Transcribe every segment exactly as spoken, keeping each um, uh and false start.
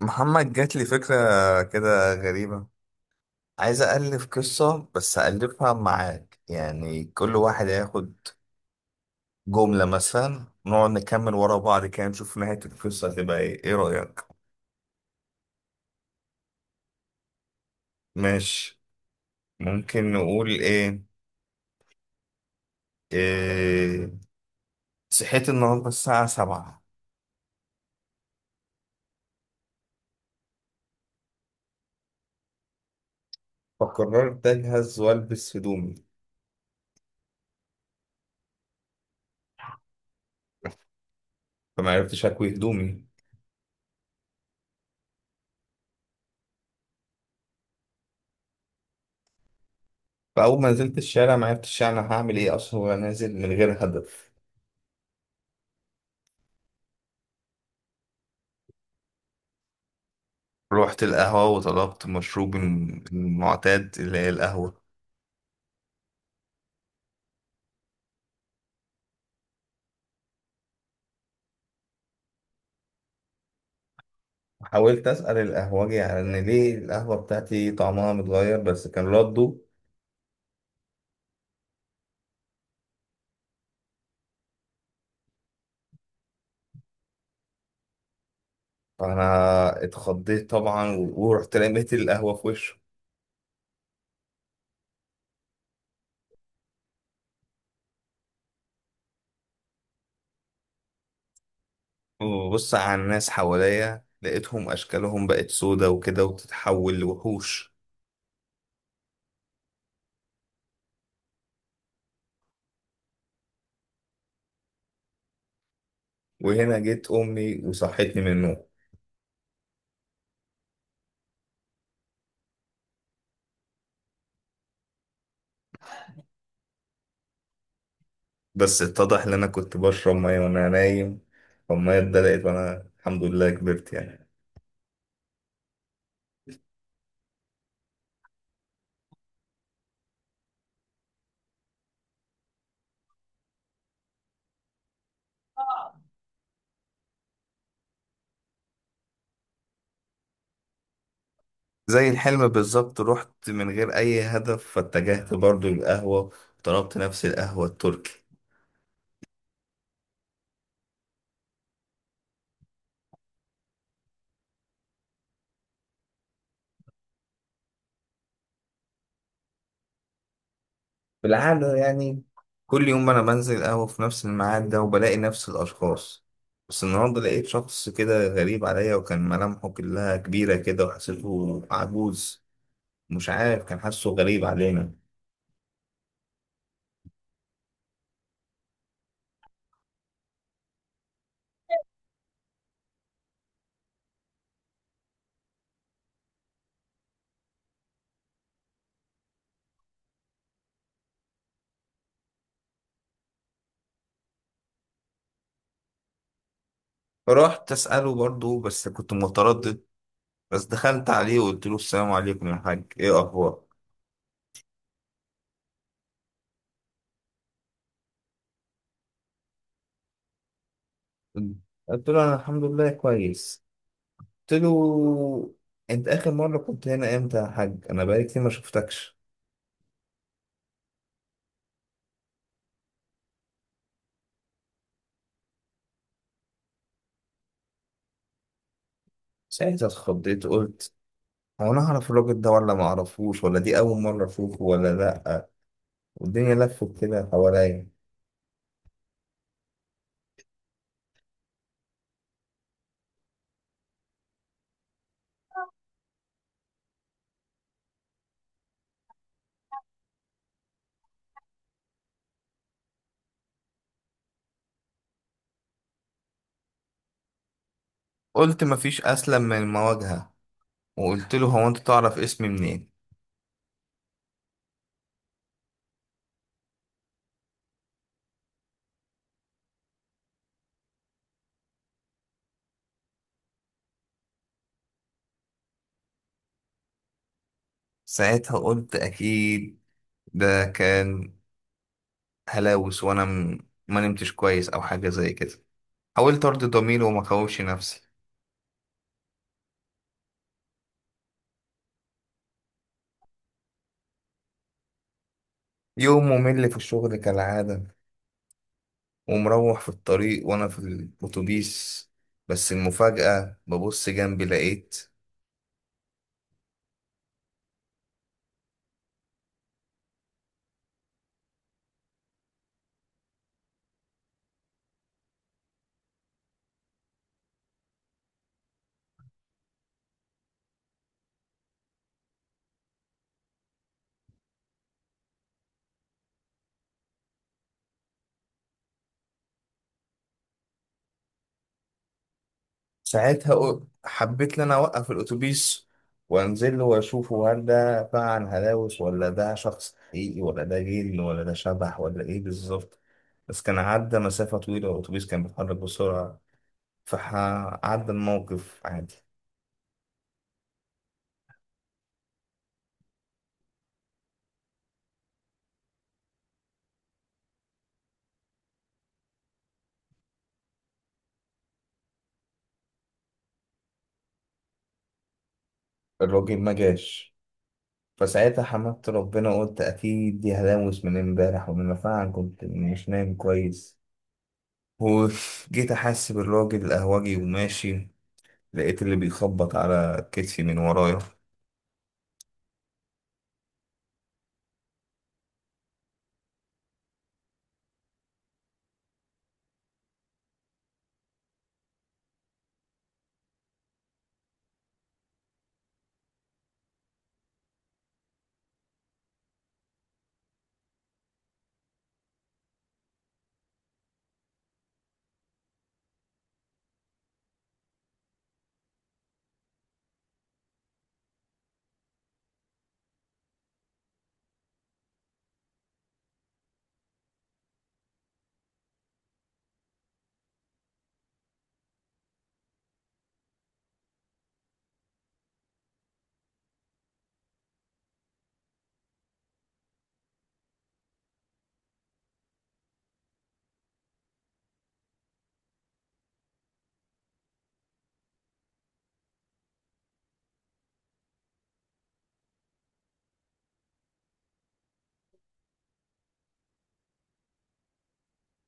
محمد، جات لي فكرة كده غريبة. عايز ألف قصة بس ألفها معاك، يعني كل واحد هياخد جملة مثلا، نقعد نكمل ورا بعض كده نشوف نهاية القصة هتبقى إيه. إيه رأيك؟ ماشي. ممكن نقول إيه؟ إيه، صحيت النهاردة الساعة سبعة، فقررت أجهز وألبس هدومي، فما عرفتش أكوي هدومي. فأول ما نزلت الشارع ما عرفتش أنا هعمل إيه أصلا، وأنا نازل من غير هدف. رحت القهوة وطلبت مشروبي المعتاد، اللي هي القهوة. حاولت أسأل القهوجي على إن ليه القهوة بتاعتي طعمها متغير، بس كان رده. فأنا اتخضيت طبعا ورحت رميت القهوة في وشه. وبص على الناس حواليا، لقيتهم أشكالهم بقت سودا وكده وتتحول لوحوش. وهنا جيت أمي وصحتني من النوم. بس اتضح إن أنا كنت بشرب مية وأنا نايم، فالمية اتدلقت، وأنا الحمد لله كبرت يعني. زي الحلم بالظبط، رحت من غير أي هدف، فاتجهت برضو للقهوة. طلبت نفس القهوة التركي، بالعادة يعني. كل يوم أنا بنزل قهوة في نفس الميعاد ده وبلاقي نفس الأشخاص، بس النهاردة لقيت شخص كده غريب عليا، وكان ملامحه كلها كبيرة كده وحسيته عجوز. مش عارف، كان حاسه غريب علينا. فرحت أسأله برضو بس كنت متردد. بس دخلت عليه وقلت له السلام عليكم يا حاج، إيه أخبارك؟ قلت له أنا الحمد لله كويس. قلت له، انت اخر مره كنت هنا امتى يا حاج؟ انا بقالي كتير ما شفتكش. ساعتها اتخضيت، قلت هو انا اعرف الراجل ده ولا ما اعرفوش، ولا دي اول مره اشوفه ولا لا؟ والدنيا لفت كده حواليا. قلت مفيش اسلم من المواجهه، وقلت له هو انت تعرف اسمي منين؟ ساعتها قلت اكيد ده كان هلاوس، وانا م... ما نمتش كويس او حاجه زي كده. حاولت ارضي ضميري وما كوش نفسي. يوم ممل في الشغل كالعاده، ومروح في الطريق وأنا في الأتوبيس. بس المفاجأة ببص جنبي لقيت. ساعتها قو- حبيت إن أنا أوقف الأتوبيس وأنزل له وأشوفه، هل ده فعلا هلاوس ولا ده شخص حقيقي ولا ده جن ولا ده شبح ولا إيه بالظبط؟ بس كان عدى مسافة طويلة والأتوبيس كان بيتحرك بسرعة، فعدى الموقف عادي. الراجل ما جاش، فساعتها حمدت ربنا وقلت أكيد دي هلاوس من امبارح، وإن أنا فعلا كنت مش نايم كويس. وجيت أحاسب الراجل القهوجي وماشي، لقيت اللي بيخبط على كتفي من ورايا.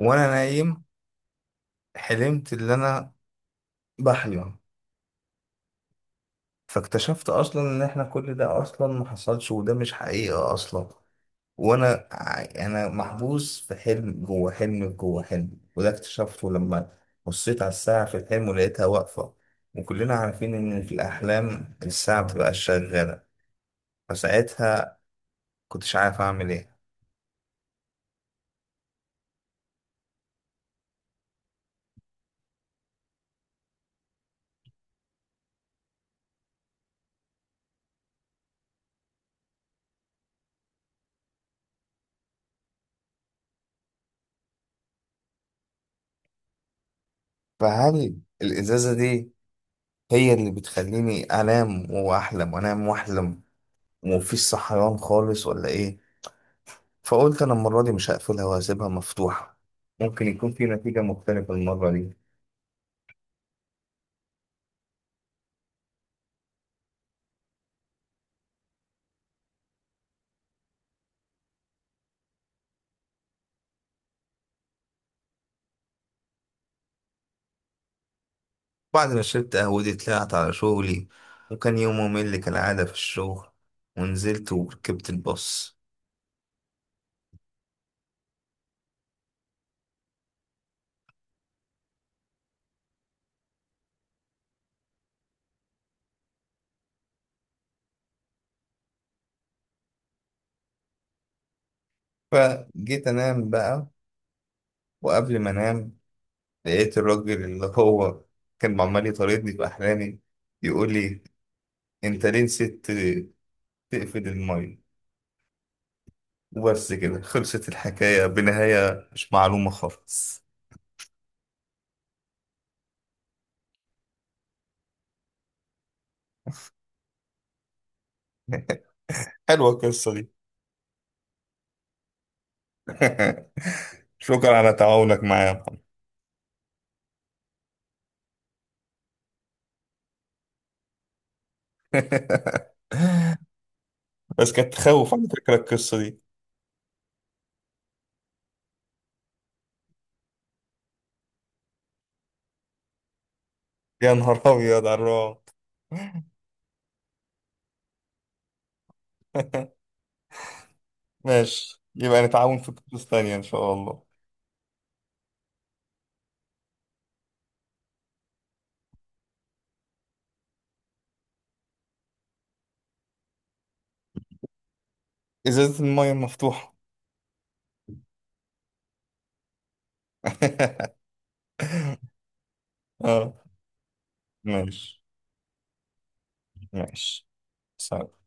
وأنا نايم، حلمت اللي أنا بحلم، فاكتشفت أصلا إن إحنا كل ده أصلا ما حصلش، وده مش حقيقة أصلا. وأنا ع- أنا محبوس في حلم جوه حلم جوه حلم، وده اكتشفته لما بصيت على الساعة في الحلم ولقيتها واقفة. وكلنا عارفين إن في الأحلام الساعة بتبقى شغالة. فساعتها كنتش عارف أعمل إيه. فهل الإزازة دي هي اللي بتخليني أنام وأحلم وأنام وأحلم ومفيش صحيان خالص، ولا إيه؟ فقلت أنا المرة دي مش هقفلها وهسيبها مفتوحة، ممكن يكون في نتيجة مختلفة المرة دي. بعد ما شربت قهوتي طلعت على شغلي، وكان يوم ممل كالعادة في الشغل. ونزلت وركبت الباص. فجيت أنام بقى، وقبل ما أنام لقيت الراجل اللي هو كان عمال يطاردني في أحلامي يقول لي، انت ليه نسيت تقفل المية؟ وبس كده خلصت الحكاية بنهاية مش معلومة خالص. حلوة القصة دي. شكرا على تعاونك معايا يا محمد. بس كانت تخوف على فكرة، القصة دي. يا نهار أبيض على الرعب! ماشي، يبقى نتعاون في قصص تانية إن شاء الله. إزازة المية المفتوحة. اه. ماشي ماشي، سلام.